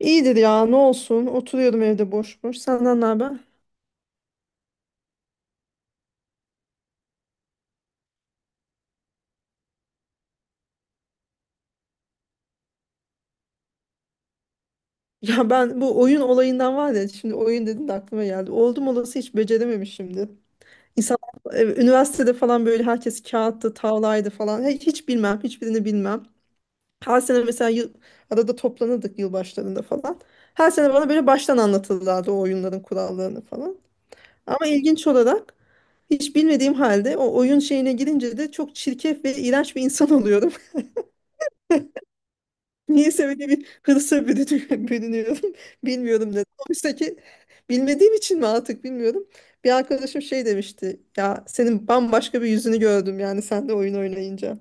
İyidir ya ne olsun oturuyordum evde boş boş senden ne haber? Ya ben bu oyun olayından var ya şimdi oyun dedin de aklıma geldi. Oldum olası hiç becerememişimdir. İnsan üniversitede falan böyle herkes kağıttı, tavlaydı falan. Hiç bilmem, hiçbirini bilmem. Her sene mesela arada toplanırdık yılbaşlarında falan. Her sene bana böyle baştan anlatırlardı o oyunların kurallarını falan. Ama ilginç olarak hiç bilmediğim halde o oyun şeyine girince de çok çirkef ve iğrenç bir insan oluyorum. Niyeyse öyle bir hırsa bürünüyorum. Bilmiyorum dedim. Oysa ki bilmediğim için mi artık bilmiyorum. Bir arkadaşım şey demişti. Ya senin bambaşka bir yüzünü gördüm yani sen de oyun oynayınca.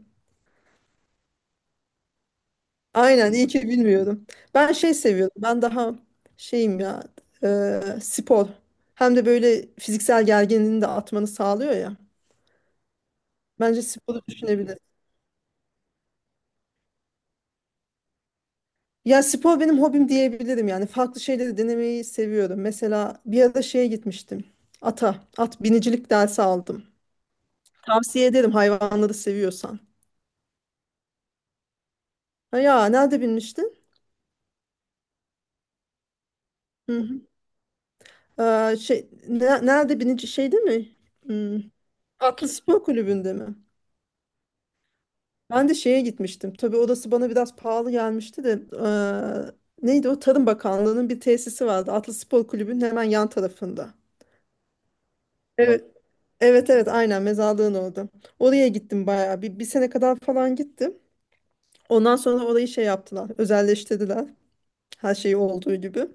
Aynen iyi ki bilmiyorum. Ben şey seviyorum. Ben daha şeyim ya spor. Hem de böyle fiziksel gerginliğini de atmanı sağlıyor ya. Bence sporu düşünebilirim. Ya spor benim hobim diyebilirim yani. Farklı şeyleri denemeyi seviyorum. Mesela bir ara şeye gitmiştim. At binicilik dersi aldım. Tavsiye ederim hayvanları seviyorsan. Ha ya nerede binmiştin? Hı hı. Şey, nerede binici şeyde mi? Hmm, Atlı Spor Kulübü'nde mi? Ben de şeye gitmiştim. Tabii odası bana biraz pahalı gelmişti de. Neydi o? Tarım Bakanlığı'nın bir tesisi vardı. Atlı Spor Kulübü'nün hemen yan tarafında. Evet. Evet evet aynen mezarlığın orada. Oraya gittim bayağı bir sene kadar falan gittim. Ondan sonra orayı şey yaptılar özelleştirdiler her şeyi olduğu gibi.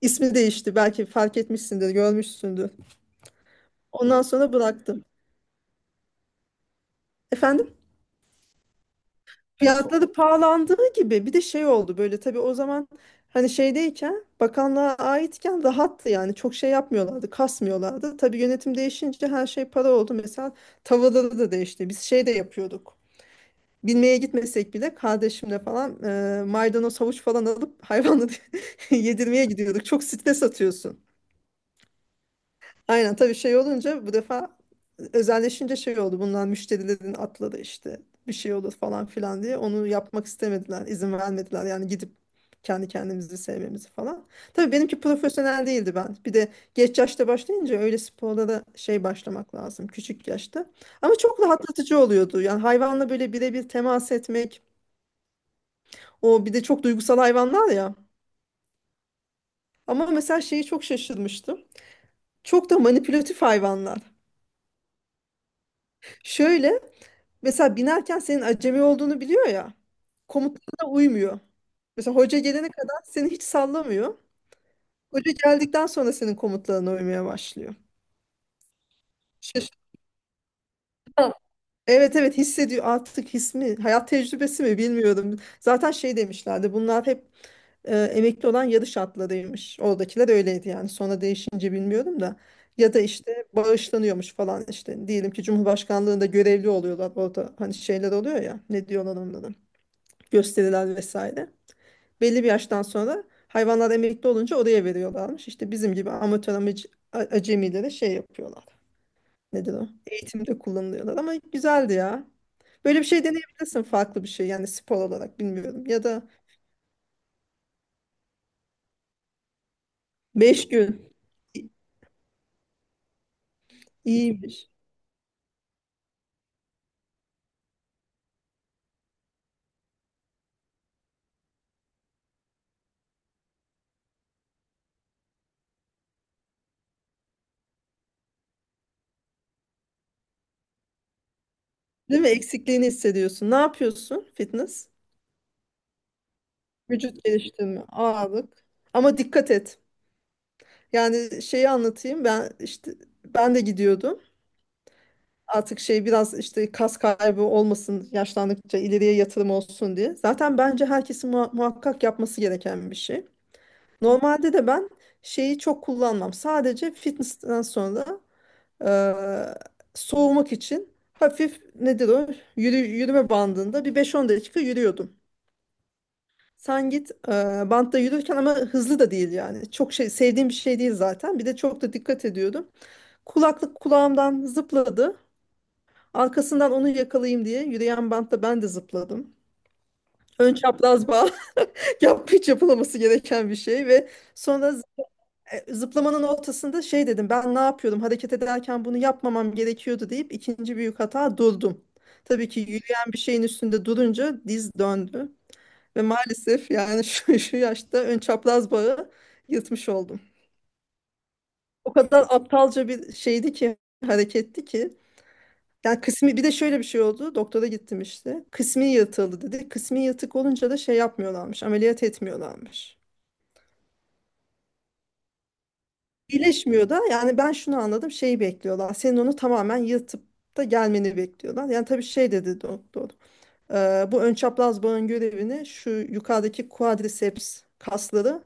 İsmi değişti belki fark etmişsindir görmüşsündür. Ondan sonra bıraktım. Efendim fiyatları pahalandığı gibi bir de şey oldu böyle tabii o zaman hani şeydeyken bakanlığa aitken rahattı yani çok şey yapmıyorlardı kasmıyorlardı. Tabii yönetim değişince her şey para oldu mesela tavırları da değişti biz şey de yapıyorduk. Bilmeye gitmesek bile kardeşimle falan maydanoz havuç falan alıp hayvanı yedirmeye gidiyorduk. Çok stres atıyorsun. Aynen tabii şey olunca bu defa özelleşince şey oldu. Bunlar müşterilerin atladı işte bir şey olur falan filan diye. Onu yapmak istemediler, izin vermediler. Yani gidip kendi kendimizi sevmemizi falan. Tabii benimki profesyonel değildi ben. Bir de geç yaşta başlayınca öyle sporlara şey başlamak lazım küçük yaşta. Ama çok rahatlatıcı oluyordu. Yani hayvanla böyle birebir temas etmek, o bir de çok duygusal hayvanlar ya. Ama mesela şeyi çok şaşırmıştım. Çok da manipülatif hayvanlar. Şöyle mesela binerken senin acemi olduğunu biliyor ya. Komutlarına uymuyor. Mesela hoca gelene kadar seni hiç sallamıyor. Hoca geldikten sonra senin komutlarına uymaya başlıyor. Şaşırtıcı. Evet evet hissediyor artık his mi hayat tecrübesi mi bilmiyorum. Zaten şey demişlerdi bunlar hep emekli olan yarış atlarıymış. Oradakiler öyleydi yani sonra değişince bilmiyorum da. Ya da işte bağışlanıyormuş falan işte diyelim ki Cumhurbaşkanlığında görevli oluyorlar orada hani şeyler oluyor ya ne diyorlar onlara gösteriler vesaire. Belli bir yaştan sonra hayvanlar emekli olunca oraya veriyorlarmış. İşte bizim gibi amatör acemilere şey yapıyorlar nedir o? Eğitimde kullanılıyorlar ama güzeldi ya. Böyle bir şey deneyebilirsin farklı bir şey yani spor olarak bilmiyorum. Ya da 5 gün İ- iyiymiş. Değil mi? Eksikliğini hissediyorsun. Ne yapıyorsun? Fitness. Vücut geliştirme, ağırlık. Ama dikkat et. Yani şeyi anlatayım. Ben işte ben de gidiyordum. Artık şey biraz işte kas kaybı olmasın, yaşlandıkça ileriye yatırım olsun diye. Zaten bence herkesin muhakkak yapması gereken bir şey. Normalde de ben şeyi çok kullanmam. Sadece fitness'ten sonra eee, soğumak için hafif nedir o? Yürüme bandında bir 5-10 dakika yürüyordum. Sen git bantta yürürken ama hızlı da değil yani. Çok şey sevdiğim bir şey değil zaten. Bir de çok da dikkat ediyordum. Kulaklık kulağımdan zıpladı. Arkasından onu yakalayayım diye yürüyen bantta ben de zıpladım. Ön çapraz bağ yap hiç yapılaması gereken bir şey ve sonra zıplamanın ortasında şey dedim ben ne yapıyordum hareket ederken bunu yapmamam gerekiyordu deyip ikinci büyük hata durdum. Tabii ki yürüyen bir şeyin üstünde durunca diz döndü ve maalesef yani şu yaşta ön çapraz bağı yırtmış oldum. O kadar aptalca bir şeydi ki hareketti ki yani kısmi bir de şöyle bir şey oldu doktora gittim işte kısmi yırtıldı dedi kısmi yırtık olunca da şey yapmıyorlarmış ameliyat etmiyorlarmış. İyileşmiyor da yani ben şunu anladım şeyi bekliyorlar. Senin onu tamamen yırtıp da gelmeni bekliyorlar. Yani tabii şey dedi doktor. Bu ön çapraz bağın görevini şu yukarıdaki quadriceps kasları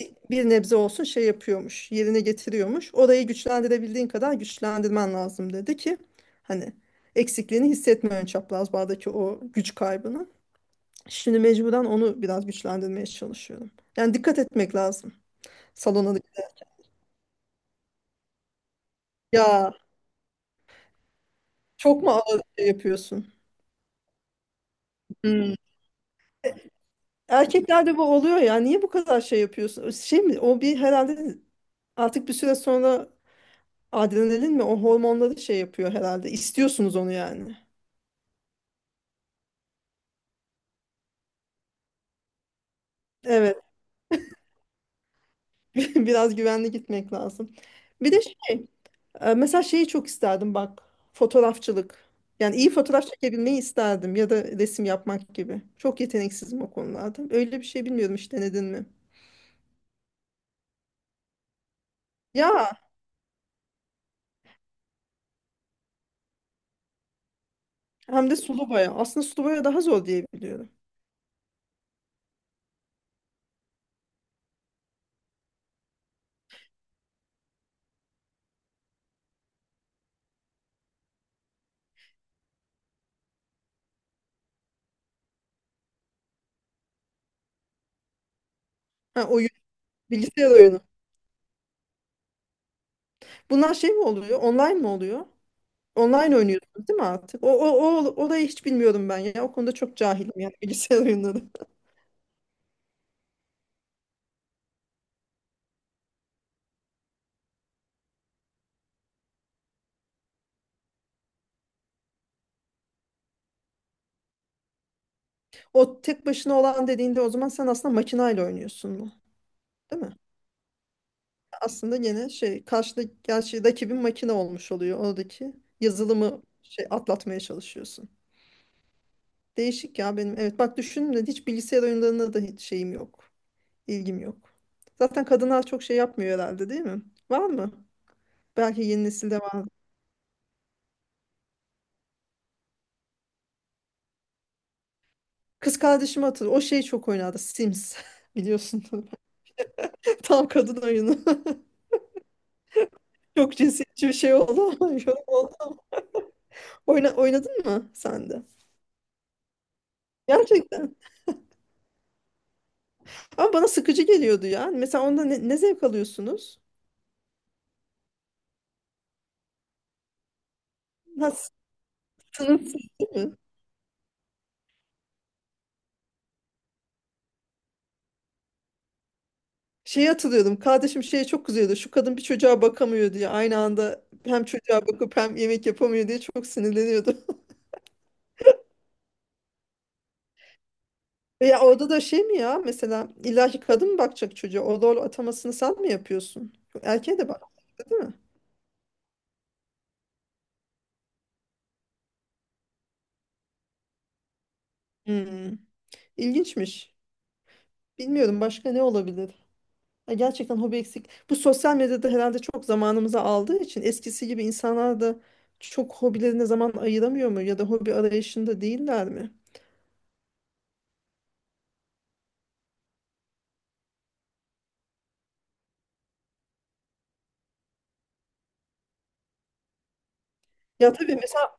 bir nebze olsun şey yapıyormuş. Yerine getiriyormuş. Orayı güçlendirebildiğin kadar güçlendirmen lazım dedi ki hani eksikliğini hissetme ön çapraz bağdaki o güç kaybını. Şimdi mecburen onu biraz güçlendirmeye çalışıyorum. Yani dikkat etmek lazım salona. Ya çok mu ağır şey yapıyorsun? Hmm. Erkeklerde bu oluyor ya. Niye bu kadar şey yapıyorsun? Şey mi? O bir herhalde artık bir süre sonra adrenalin mi? O hormonları şey yapıyor herhalde. İstiyorsunuz onu yani. Evet. Biraz güvenli gitmek lazım. Bir de şey. Mesela şeyi çok isterdim bak. Fotoğrafçılık. Yani iyi fotoğraf çekebilmeyi isterdim. Ya da resim yapmak gibi. Çok yeteneksizim o konularda. Öyle bir şey bilmiyorum hiç denedin mi? Ya hem de sulu boya. Aslında sulu boya daha zor diye biliyorum. Ha, o bilgisayar oyunu. Bunlar şey mi oluyor? Online mi oluyor? Online oynuyorsunuz değil mi artık? O orayı hiç bilmiyorum ben ya. O konuda çok cahilim yani bilgisayar oyunları. O tek başına olan dediğinde o zaman sen aslında makinayla oynuyorsun mu? Değil mi? Aslında gene şey karşıda gerçi rakibin makine olmuş oluyor. Oradaki yazılımı şey atlatmaya çalışıyorsun. Değişik ya benim. Evet bak düşündüm de hiç bilgisayar oyunlarına da hiç şeyim yok. İlgim yok. Zaten kadınlar çok şey yapmıyor herhalde değil mi? Var mı? Belki yeni nesilde. Kız kardeşim hatırlıyorum. O şey çok oynadı. Sims. Biliyorsun. Tam kadın oyunu. Çok cinsiyetçi bir şey oldu ama yorum oldu ama. Oynadın mı sen de? Gerçekten. Ama bana sıkıcı geliyordu ya. Hani mesela onda ne zevk alıyorsunuz? Nasıl? Sınırsız değil mi? Şeyi hatırlıyordum. Kardeşim şeye çok kızıyordu. Şu kadın bir çocuğa bakamıyor diye. Aynı anda hem çocuğa bakıp hem yemek yapamıyor diye çok sinirleniyordu. Veya orada da şey mi ya mesela illa kadın mı bakacak çocuğa? O rol atamasını sen mi yapıyorsun? Erkeğe de bak, değil mi? Hmm. İlginçmiş. Bilmiyorum başka ne olabilir? Ya gerçekten hobi eksik. Bu sosyal medyada herhalde çok zamanımızı aldığı için eskisi gibi insanlar da çok hobilerine zaman ayıramıyor mu? Ya da hobi arayışında değiller mi? Ya tabii mesela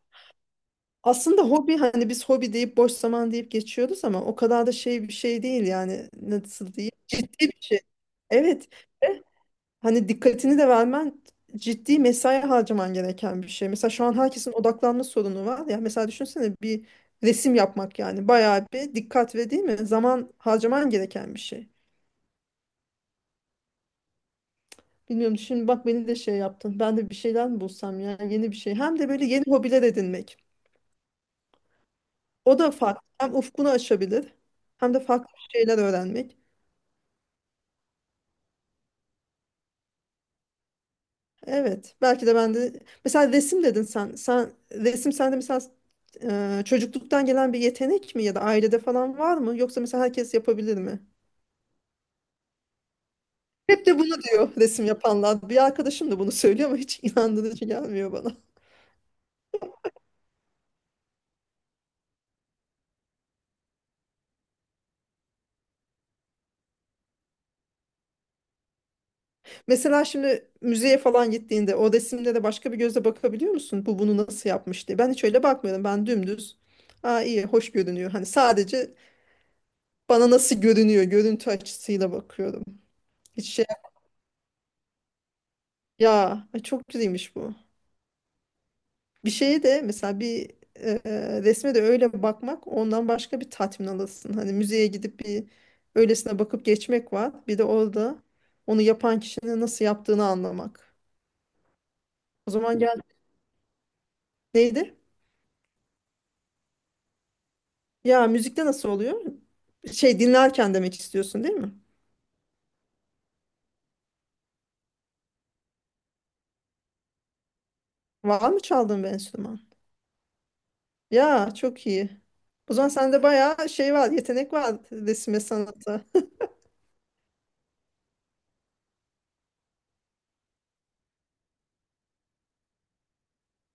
aslında hobi hani biz hobi deyip boş zaman deyip geçiyoruz ama o kadar da şey bir şey değil yani nasıl diyeyim? Ciddi bir şey. Evet. Hani dikkatini de vermen ciddi mesai harcaman gereken bir şey. Mesela şu an herkesin odaklanma sorunu var ya. Mesela düşünsene bir resim yapmak yani bayağı bir dikkat ve değil mi? Zaman harcaman gereken bir şey. Bilmiyorum şimdi bak beni de şey yaptın. Ben de bir şeyler mi bulsam yani yeni bir şey. Hem de böyle yeni hobiler edinmek. O da farklı. Hem ufkunu açabilir hem de farklı şeyler öğrenmek. Evet. Belki de ben de mesela resim dedin sen. Sen resim sende mesela çocukluktan gelen bir yetenek mi ya da ailede falan var mı? Yoksa mesela herkes yapabilir mi? Hep de bunu diyor resim yapanlar. Bir arkadaşım da bunu söylüyor ama hiç inandırıcı gelmiyor bana. Mesela şimdi müzeye falan gittiğinde o resimlere başka bir gözle bakabiliyor musun? Bu bunu nasıl yapmış diye. Ben hiç öyle bakmıyorum. Ben dümdüz. Aa iyi, hoş görünüyor. Hani sadece bana nasıl görünüyor, görüntü açısıyla bakıyorum. Hiç şey ya ay çok güzelmiş bu. Bir şeye de mesela bir resme de öyle bakmak ondan başka bir tatmin alırsın. Hani müzeye gidip bir öylesine bakıp geçmek var. Bir de orada onu yapan kişinin nasıl yaptığını anlamak. O zaman gel neydi? Ya müzikte nasıl oluyor? Şey dinlerken demek istiyorsun değil mi? Var mı çaldığın bir enstrüman? Ya çok iyi. O zaman sende bayağı şey var, yetenek var resme sanata.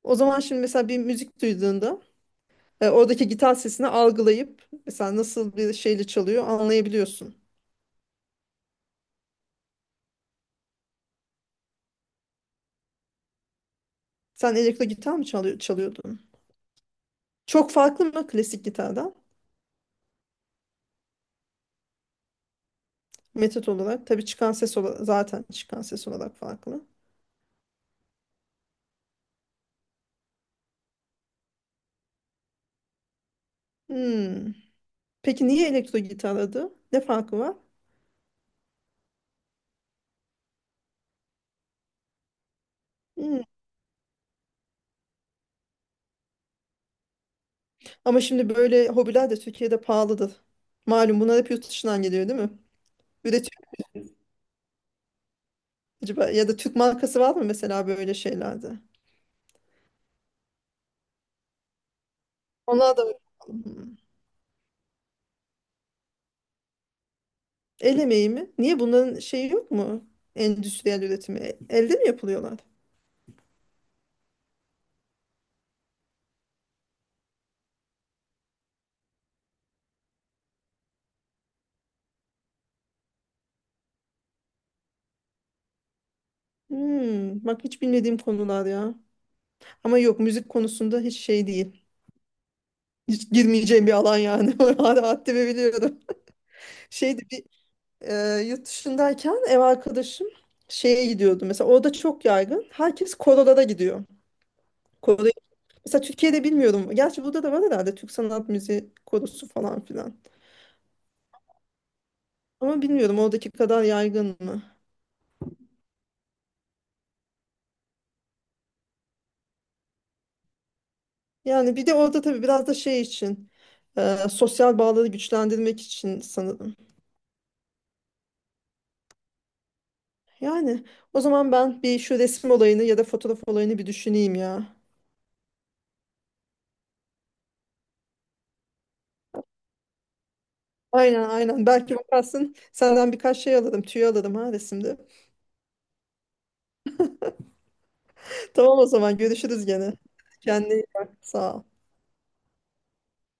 O zaman şimdi mesela bir müzik duyduğunda oradaki gitar sesini algılayıp mesela nasıl bir şeyle çalıyor anlayabiliyorsun. Sen elektro gitar mı çalıyordun? Çok farklı mı klasik gitardan? Metot olarak. Tabii çıkan ses olarak, zaten çıkan ses olarak farklı. Hmm. Peki niye elektro gitar adı? Ne farkı var? Hmm. Ama şimdi böyle hobiler de Türkiye'de pahalıdır. Malum bunlar hep yurt dışından geliyor değil mi? Üretiyor mu acaba? Ya da Türk markası var mı mesela böyle şeylerde? Onlar da. Hmm. El emeği mi? Niye bunların şeyi yok mu? Endüstriyel üretimi. Elde mi yapılıyorlar? Hmm, bak hiç bilmediğim konular ya. Ama yok müzik konusunda hiç şey değil. Hiç girmeyeceğim bir alan yani. Hala haddimi biliyorum. Şeydi bir e, yurt dışındayken ev arkadaşım şeye gidiyordu. Mesela orada çok yaygın. Herkes korolara gidiyor. Koro, mesela Türkiye'de bilmiyorum. Gerçi burada da var herhalde Türk sanat müziği korosu falan filan. Ama bilmiyorum oradaki kadar yaygın mı? Yani bir de orada tabii biraz da şey için sosyal bağları güçlendirmek için sanırım. Yani o zaman ben bir şu resim olayını ya da fotoğraf olayını bir düşüneyim ya. Aynen aynen. Belki bakarsın senden birkaç şey alırım, tüy alırım ha resimde. Tamam o zaman görüşürüz gene. Kendine iyi bak. Sağ ol.